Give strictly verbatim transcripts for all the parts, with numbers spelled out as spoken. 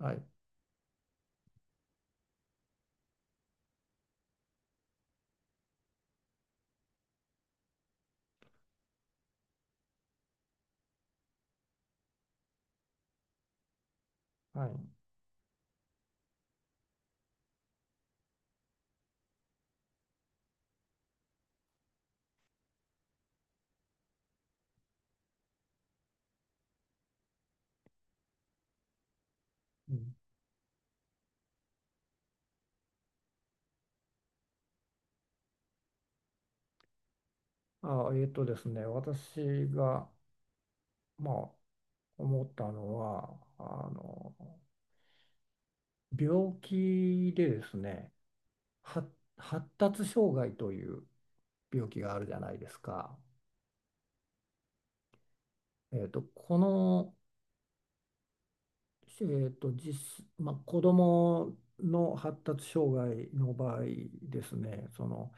はい、はい。うんあ、えっとですね、私が、まあ、思ったのは、あの、病気でですね、発、発達障害という病気があるじゃないですか。えっと、この、えっと、実、まあ、子供の発達障害の場合ですね、その、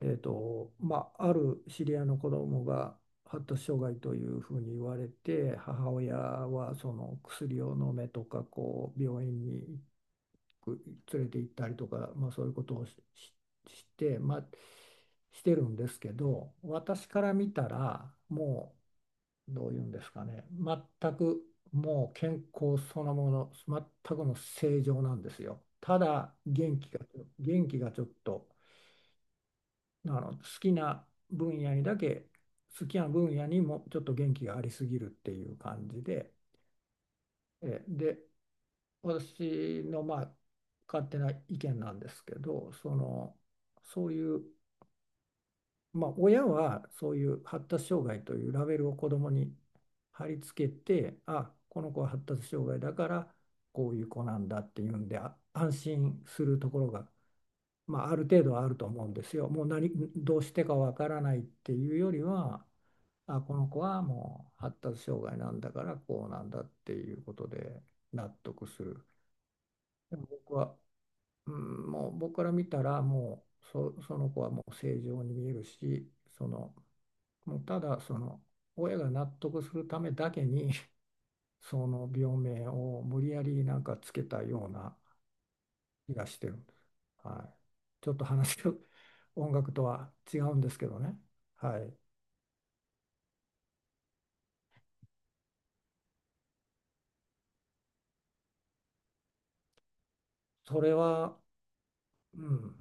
えーと、まあ、ある知り合いの子供が発達障害というふうに言われて、母親はその薬を飲めとか、こう病院に行く連れて行ったりとか、まあ、そういうことをし、しして、まあ、してるんですけど、私から見たら、もうどういうんですかね、全くもう健康そのもの、全くの正常なんですよ。ただ元気が、元気がちょっと。あの好きな分野にだけ好きな分野にもちょっと元気がありすぎるっていう感じで、えで私のまあ勝手な意見なんですけど、そのそういう、まあ、親はそういう発達障害というラベルを子供に貼り付けて、あこの子は発達障害だからこういう子なんだっていうんで安心するところが、まあ、ある程度はあると思うんですよ。もう何どうしてかわからないっていうよりは、あ、この子はもう発達障害なんだからこうなんだっていうことで納得する。でも僕は、うん、もう僕から見たらもうそ、その子はもう正常に見えるし、そのもうただその親が納得するためだけに その病名を無理やりなんかつけたような気がしてるんです。はい。ちょっと話が音楽とは違うんですけどね。はい。それは、うん。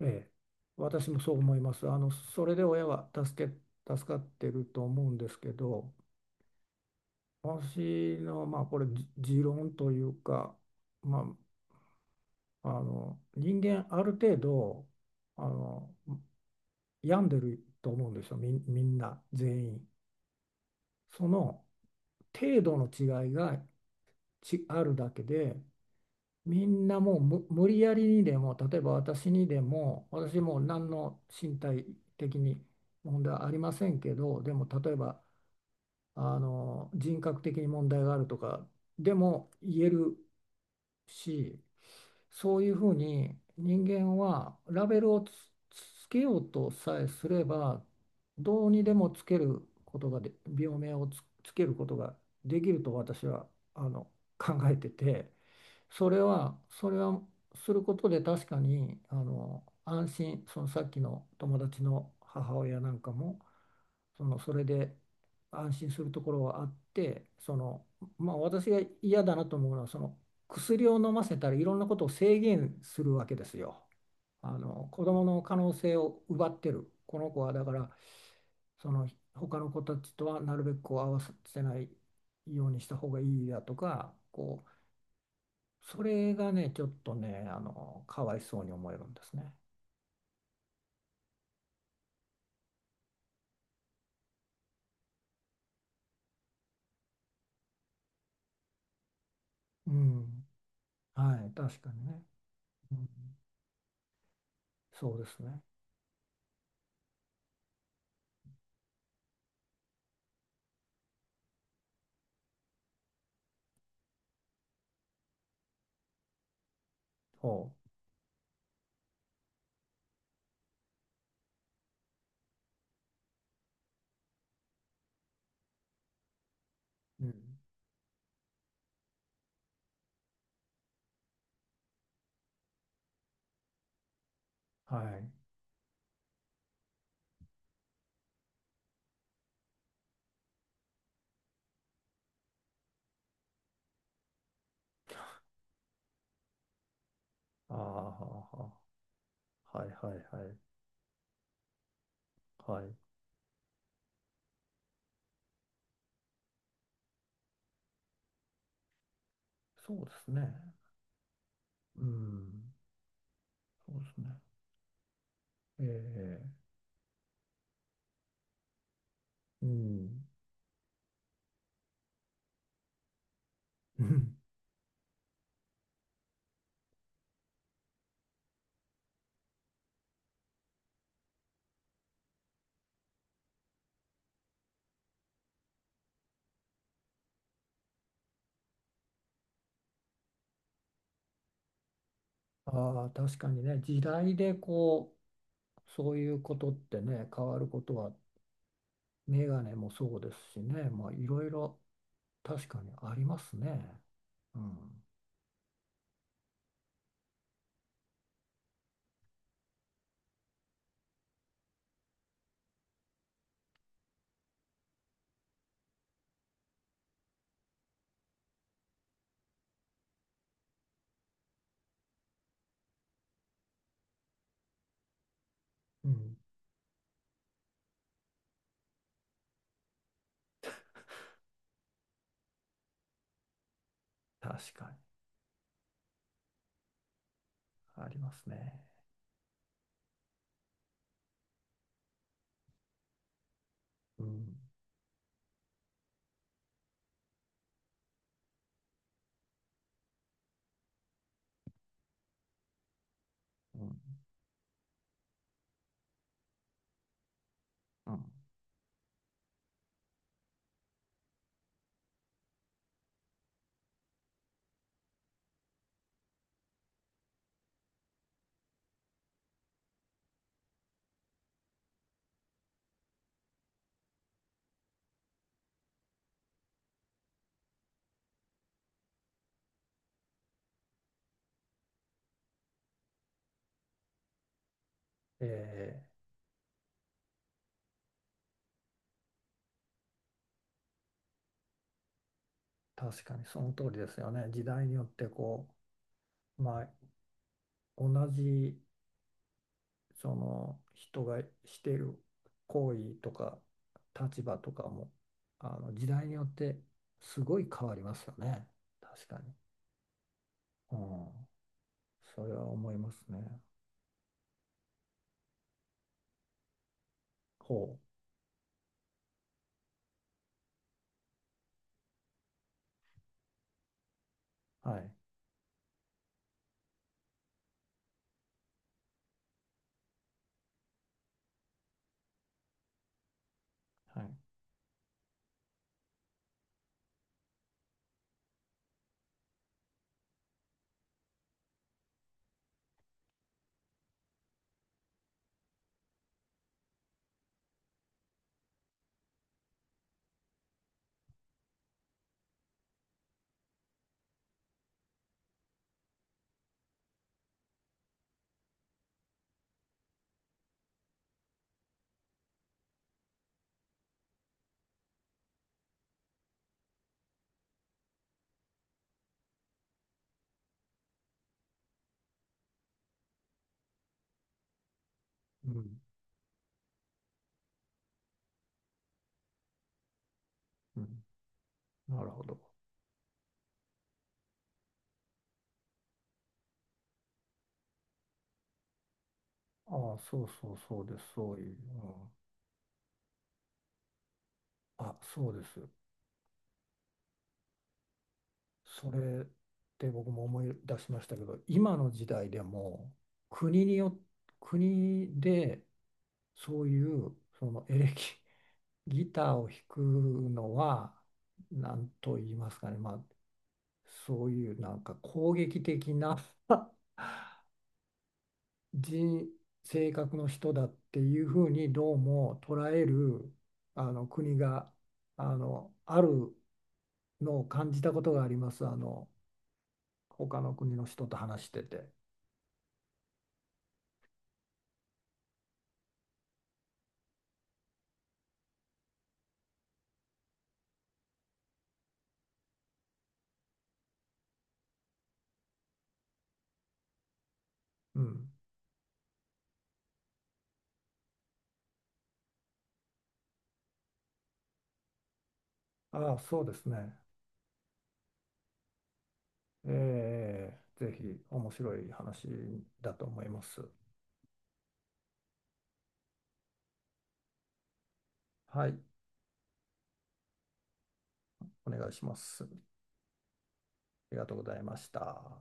ええ、私もそう思います。あの、それで親は助け、助かってると思うんですけど、私の、まあ、これ、じ持論というか、まあ、あの、人間、ある程度、あの、病んでると思うんですよ、みん、みんな、全員。その程度の違いが、ち、あるだけで、みんなもうむ無理やりにでも、例えば私にでも私も何の身体的に問題はありませんけど、でも例えばあの人格的に問題があるとかでも言えるし、そういうふうに人間はラベルをつ、つけようとさえすれば、どうにでもつけることがで病名をつ、つけることができると私はあの考えてて。それは、それはすることで確かに、あの、安心、そのさっきの友達の母親なんかも、その、それで安心するところはあって、その、まあ私が嫌だなと思うのは、その薬を飲ませたらいろんなことを制限するわけですよ。あの、子供の可能性を奪ってる。この子はだから、その他の子たちとはなるべくこう合わせないようにした方がいいだとか、こうそれがね、ちょっとね、あの、かわいそうに思えるんですね。うん。はい、確かにね。うん、そうですね。ほう。うん。はい。ああ、はあ、はあ、はいはいはい。はい。そうですね。うん。そうですね。ええ、うん。ああ、確かにね、時代でこう、そういうことってね、変わることは、メガネもそうですしね、まあ、いろいろ確かにありますね。うん。うん。確かに、ありますね。うん、うん、うん。えー、確かにその通りですよね。時代によってこう、まあ、同じその人がしている行為とか立場とかも、あの時代によってすごい変わりますよね。確かに。うん、それは思いますね。ほう。はい。はい。うん、うん。なるほど。ああ、そうそうそうです。そういう。うんあ、そうです。それって僕も思い出しましたけど、今の時代でも国によ、国でそういうそのエレキ、ギターを弾くのは何と言いますかね、まあ、そういうなんか攻撃的な 人、性格の人だっていうふうにどうも捉えるあの国があのあるのを感じたことがあります。あの他の国の人と話してて、うん、ああ、そうですね、ええ、ぜひ面白い話だと思います。はい、お願いします。ありがとうございました。